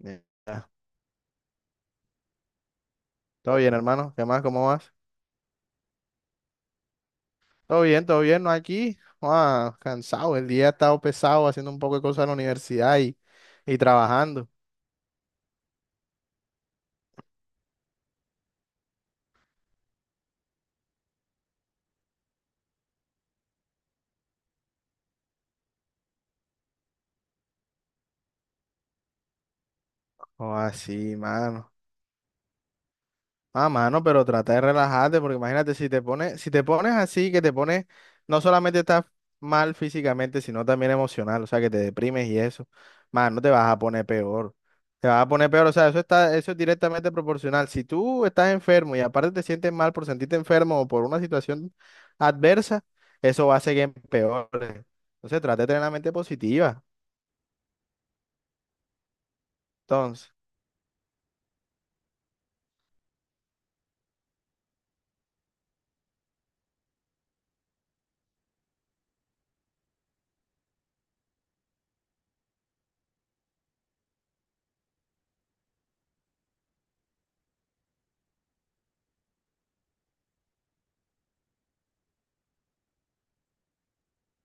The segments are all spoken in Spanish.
Ya. Todo bien, hermano. ¿Qué más? ¿Cómo vas? Todo bien, todo bien. No aquí. Ah, cansado. El día ha estado pesado haciendo un poco de cosas en la universidad y trabajando. Oh, así, mano. Ah, mano, pero trata de relajarte, porque imagínate, si te pones así, que te pones, no solamente estás mal físicamente, sino también emocional, o sea, que te deprimes y eso, mano, no te vas a poner peor. Te vas a poner peor, o sea, eso es directamente proporcional. Si tú estás enfermo y aparte te sientes mal por sentirte enfermo o por una situación adversa, eso va a seguir en peor. Entonces, trata de tener la mente positiva. Entonces,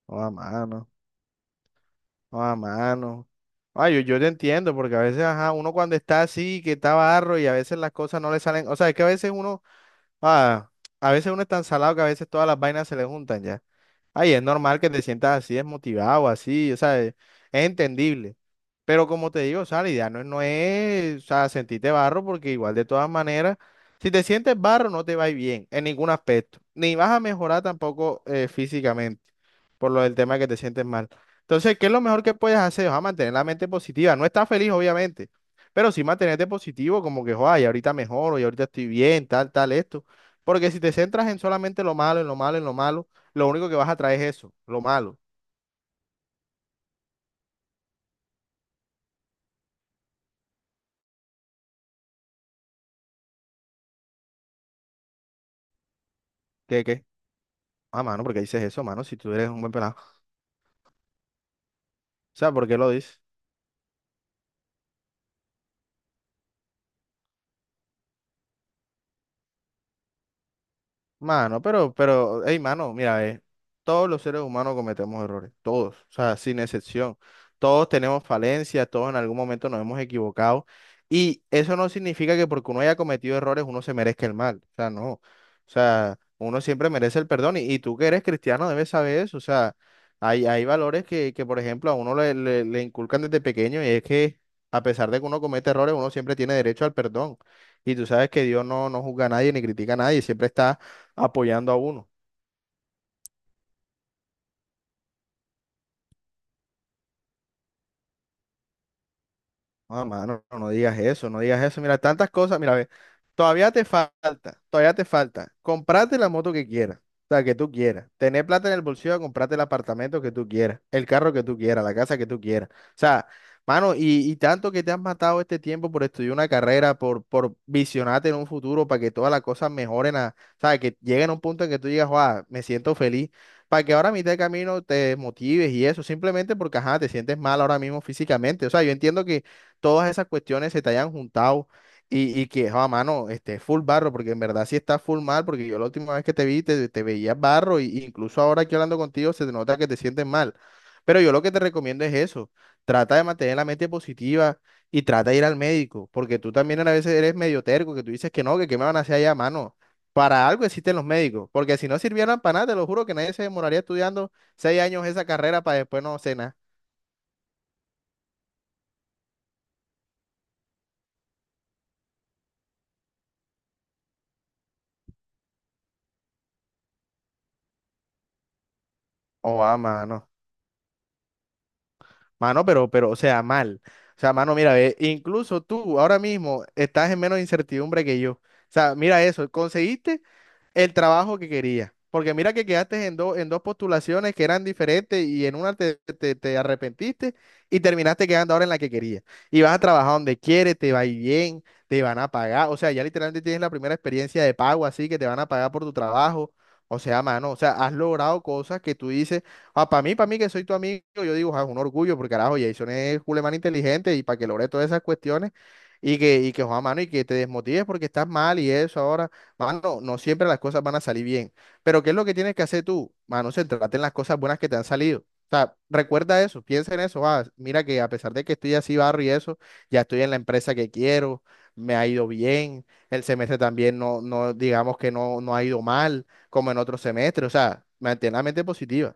no a mano, no a mano. Ah, yo te entiendo, porque a veces, ajá, uno cuando está así, que está barro y a veces las cosas no le salen, o sea, es que a veces uno, ah, a veces uno es tan salado que a veces todas las vainas se le juntan ya. Ay, es normal que te sientas así, desmotivado, así, o sea, es entendible. Pero como te digo, o sea, la idea no, es- no es, o sea, sentirte barro, porque igual de todas maneras, si te sientes barro, no te va a ir bien en ningún aspecto. Ni vas a mejorar tampoco físicamente, por lo del tema de que te sientes mal. Entonces, ¿qué es lo mejor que puedes hacer? O sea, mantener la mente positiva. No estás feliz, obviamente, pero sí mantenerte positivo, como que, joder, y ahorita mejoro, y ahorita estoy bien, tal, tal, esto. Porque si te centras en solamente lo malo, en lo malo, lo único que vas a traer es eso, lo malo. ¿Qué, qué? Ah, mano, porque dices eso, mano, si tú eres un buen pelado. O sea, ¿por qué lo dice? Hey, mano, mira, todos los seres humanos cometemos errores, todos, o sea, sin excepción. Todos tenemos falencias, todos en algún momento nos hemos equivocado. Y eso no significa que porque uno haya cometido errores uno se merezca el mal, o sea, no. O sea, uno siempre merece el perdón y tú que eres cristiano debes saber eso, o sea, hay valores por ejemplo, a uno le inculcan desde pequeño y es que a pesar de que uno comete errores, uno siempre tiene derecho al perdón. Y tú sabes que Dios no, no juzga a nadie ni critica a nadie, siempre está apoyando a uno. No, mano, no digas eso, no digas eso. Mira, tantas cosas, mira, ve, todavía te falta. Comprate la moto que quieras, o sea, que tú quieras. Tener plata en el bolsillo, comprarte el apartamento que tú quieras, el carro que tú quieras, la casa que tú quieras. O sea, mano, y tanto que te has matado este tiempo por estudiar una carrera, por visionarte en un futuro, para que todas las cosas mejoren, a, o sea, que lleguen a un punto en que tú digas, wow, me siento feliz. Para que ahora a mitad de camino te motives y eso, simplemente porque, ajá, te sientes mal ahora mismo físicamente. O sea, yo entiendo que todas esas cuestiones se te hayan juntado y que, a mano, esté full barro, porque en verdad sí está full mal, porque yo la última vez que te vi te veías barro, y incluso ahora aquí hablando contigo se te nota que te sientes mal. Pero yo lo que te recomiendo es eso, trata de mantener la mente positiva y trata de ir al médico, porque tú también a veces eres medio terco, que tú dices que no, que qué me van a hacer allá, mano. Para algo existen los médicos, porque si no sirvieran para nada, te lo juro que nadie se demoraría estudiando seis años esa carrera para después no cenar. Oh, ah, mano. O sea, mal. O sea, mano, mira, ve, incluso tú ahora mismo estás en menos incertidumbre que yo. O sea, mira eso, conseguiste el trabajo que querías. Porque mira que quedaste en dos postulaciones que eran diferentes y en una te arrepentiste y terminaste quedando ahora en la que querías. Y vas a trabajar donde quieres, te va a ir bien, te van a pagar. O sea, ya literalmente tienes la primera experiencia de pago así que te van a pagar por tu trabajo. O sea, has logrado cosas que tú dices. Ah, para mí que soy tu amigo, yo digo, ah, es un orgullo, porque carajo, Jason es culemán inteligente y para que logre todas esas cuestiones joda, mano, y que te desmotives porque estás mal y eso ahora, mano, no siempre las cosas van a salir bien. Pero ¿qué es lo que tienes que hacer tú? Mano, centrarte en las cosas buenas que te han salido. O sea, recuerda eso, piensa en eso, ah, mira que a pesar de que estoy así barro y eso, ya estoy en la empresa que quiero, me ha ido bien, el semestre también no, digamos que no, no ha ido mal, como en otros semestres, o sea, mantén la mente positiva.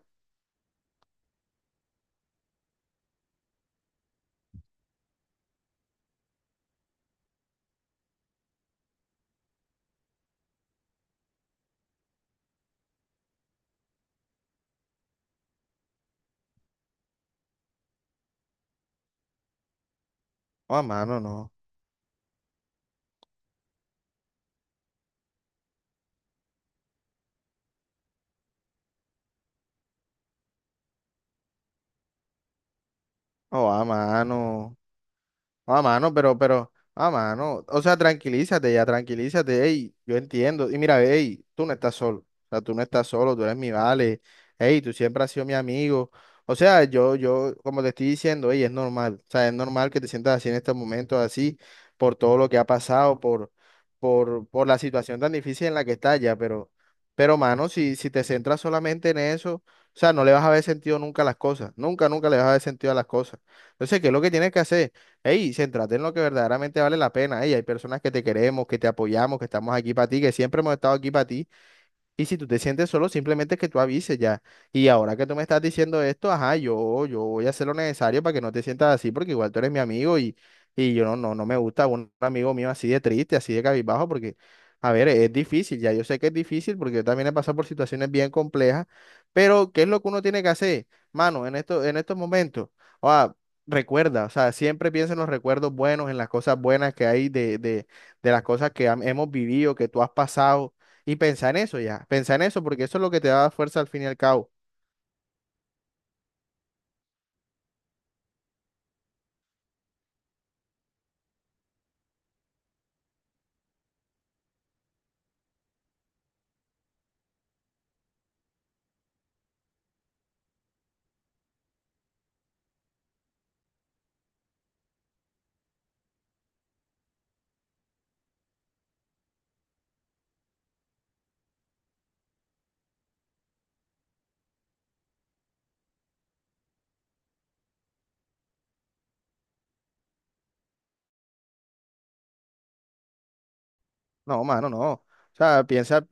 O a mano, no. O a mano. O sea, tranquilízate ya, tranquilízate, ey, yo entiendo. Y mira, ey, tú no estás solo, o sea, tú no estás solo, tú eres mi vale, ey, tú siempre has sido mi amigo. O sea, yo, como te estoy diciendo, ey, es normal, o sea, es normal que te sientas así en estos momentos, así, por todo lo que ha pasado, por la situación tan difícil en la que estás ya, pero, mano, si te centras solamente en eso, o sea, no le vas a ver sentido nunca a las cosas, nunca le vas a ver sentido a las cosas. Entonces, ¿qué es lo que tienes que hacer? Hey, céntrate en lo que verdaderamente vale la pena. Hey, hay personas que te queremos, que te apoyamos, que estamos aquí para ti, que siempre hemos estado aquí para ti. Y si tú te sientes solo, simplemente que tú avises ya. Y ahora que tú me estás diciendo esto, ajá, yo voy a hacer lo necesario para que no te sientas así, porque igual tú eres mi amigo y yo no me gusta un amigo mío así de triste, así de cabizbajo, porque, a ver, es difícil, ya yo sé que es difícil, porque yo también he pasado por situaciones bien complejas, pero ¿qué es lo que uno tiene que hacer, mano, en estos momentos? O sea, recuerda, o sea, siempre piensa en los recuerdos buenos, en las cosas buenas que hay de las cosas que hemos vivido, que tú has pasado. Y piensa en eso ya, piensa en eso, porque eso es lo que te da fuerza al fin y al cabo. No, mano, no. O sea, piensa.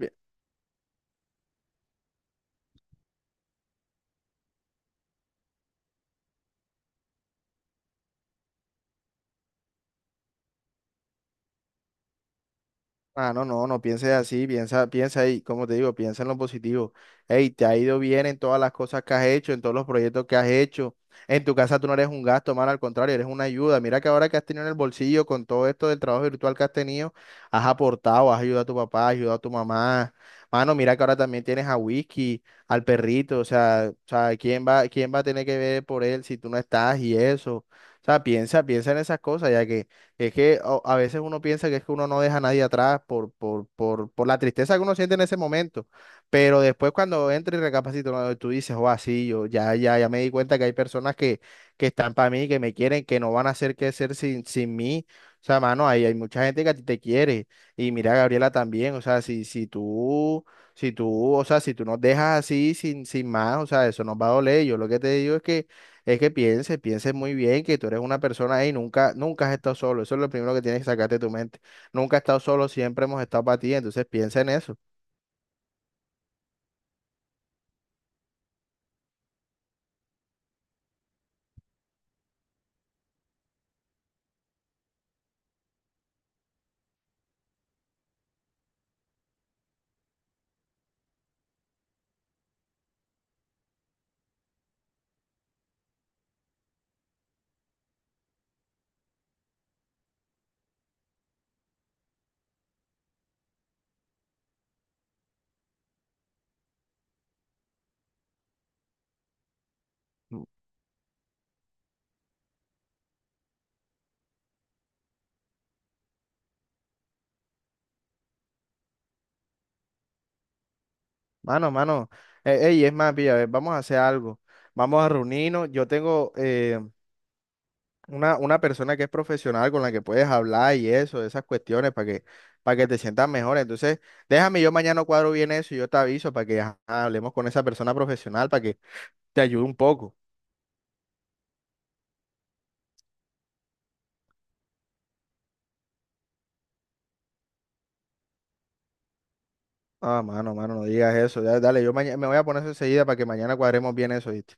Ah, no pienses así, piensa, piensa ahí, como te digo, piensa en lo positivo. Hey, te ha ido bien en todas las cosas que has hecho, en todos los proyectos que has hecho. En tu casa tú no eres un gasto, man, al contrario, eres una ayuda. Mira que ahora que has tenido en el bolsillo con todo esto del trabajo virtual que has tenido, has aportado, has ayudado a tu papá, has ayudado a tu mamá. Mano, mira que ahora también tienes a Whisky, al perrito, o sea, quién va a tener que ver por él si tú no estás y eso? O sea, piensa, piensa en esas cosas, ya que a veces uno piensa que es que uno no deja a nadie atrás por la tristeza que uno siente en ese momento, pero después cuando entra y recapacita, uno- tú dices, oh, así, yo ya me di cuenta que hay personas que están para mí, que me quieren, que no van a hacer qué hacer sin mí. O sea, mano, hay mucha gente que a ti te quiere. Y mira, Gabriela también, o sea, o sea, si tú nos dejas así sin más, o sea, eso nos va a doler. Yo lo que te digo es que pienses, pienses muy bien que tú eres una persona ahí, nunca has estado solo. Eso es lo primero que tienes que sacarte de tu mente. Nunca has estado solo, siempre hemos estado para ti. Entonces piensa en eso. M- Mano, mano. Ey, es más, pilla, a ver, vamos a hacer algo. Vamos a reunirnos. Yo tengo una persona que es profesional con la que puedes hablar y eso, de esas cuestiones para que te sientas mejor. Entonces, déjame, yo mañana cuadro bien eso y yo te aviso para que ajá, hablemos con esa persona profesional para que te ayude un poco. Ah, mano, mano, no digas eso. Ya, dale, yo mañana me voy a poner eso enseguida para que mañana cuadremos bien eso, ¿viste?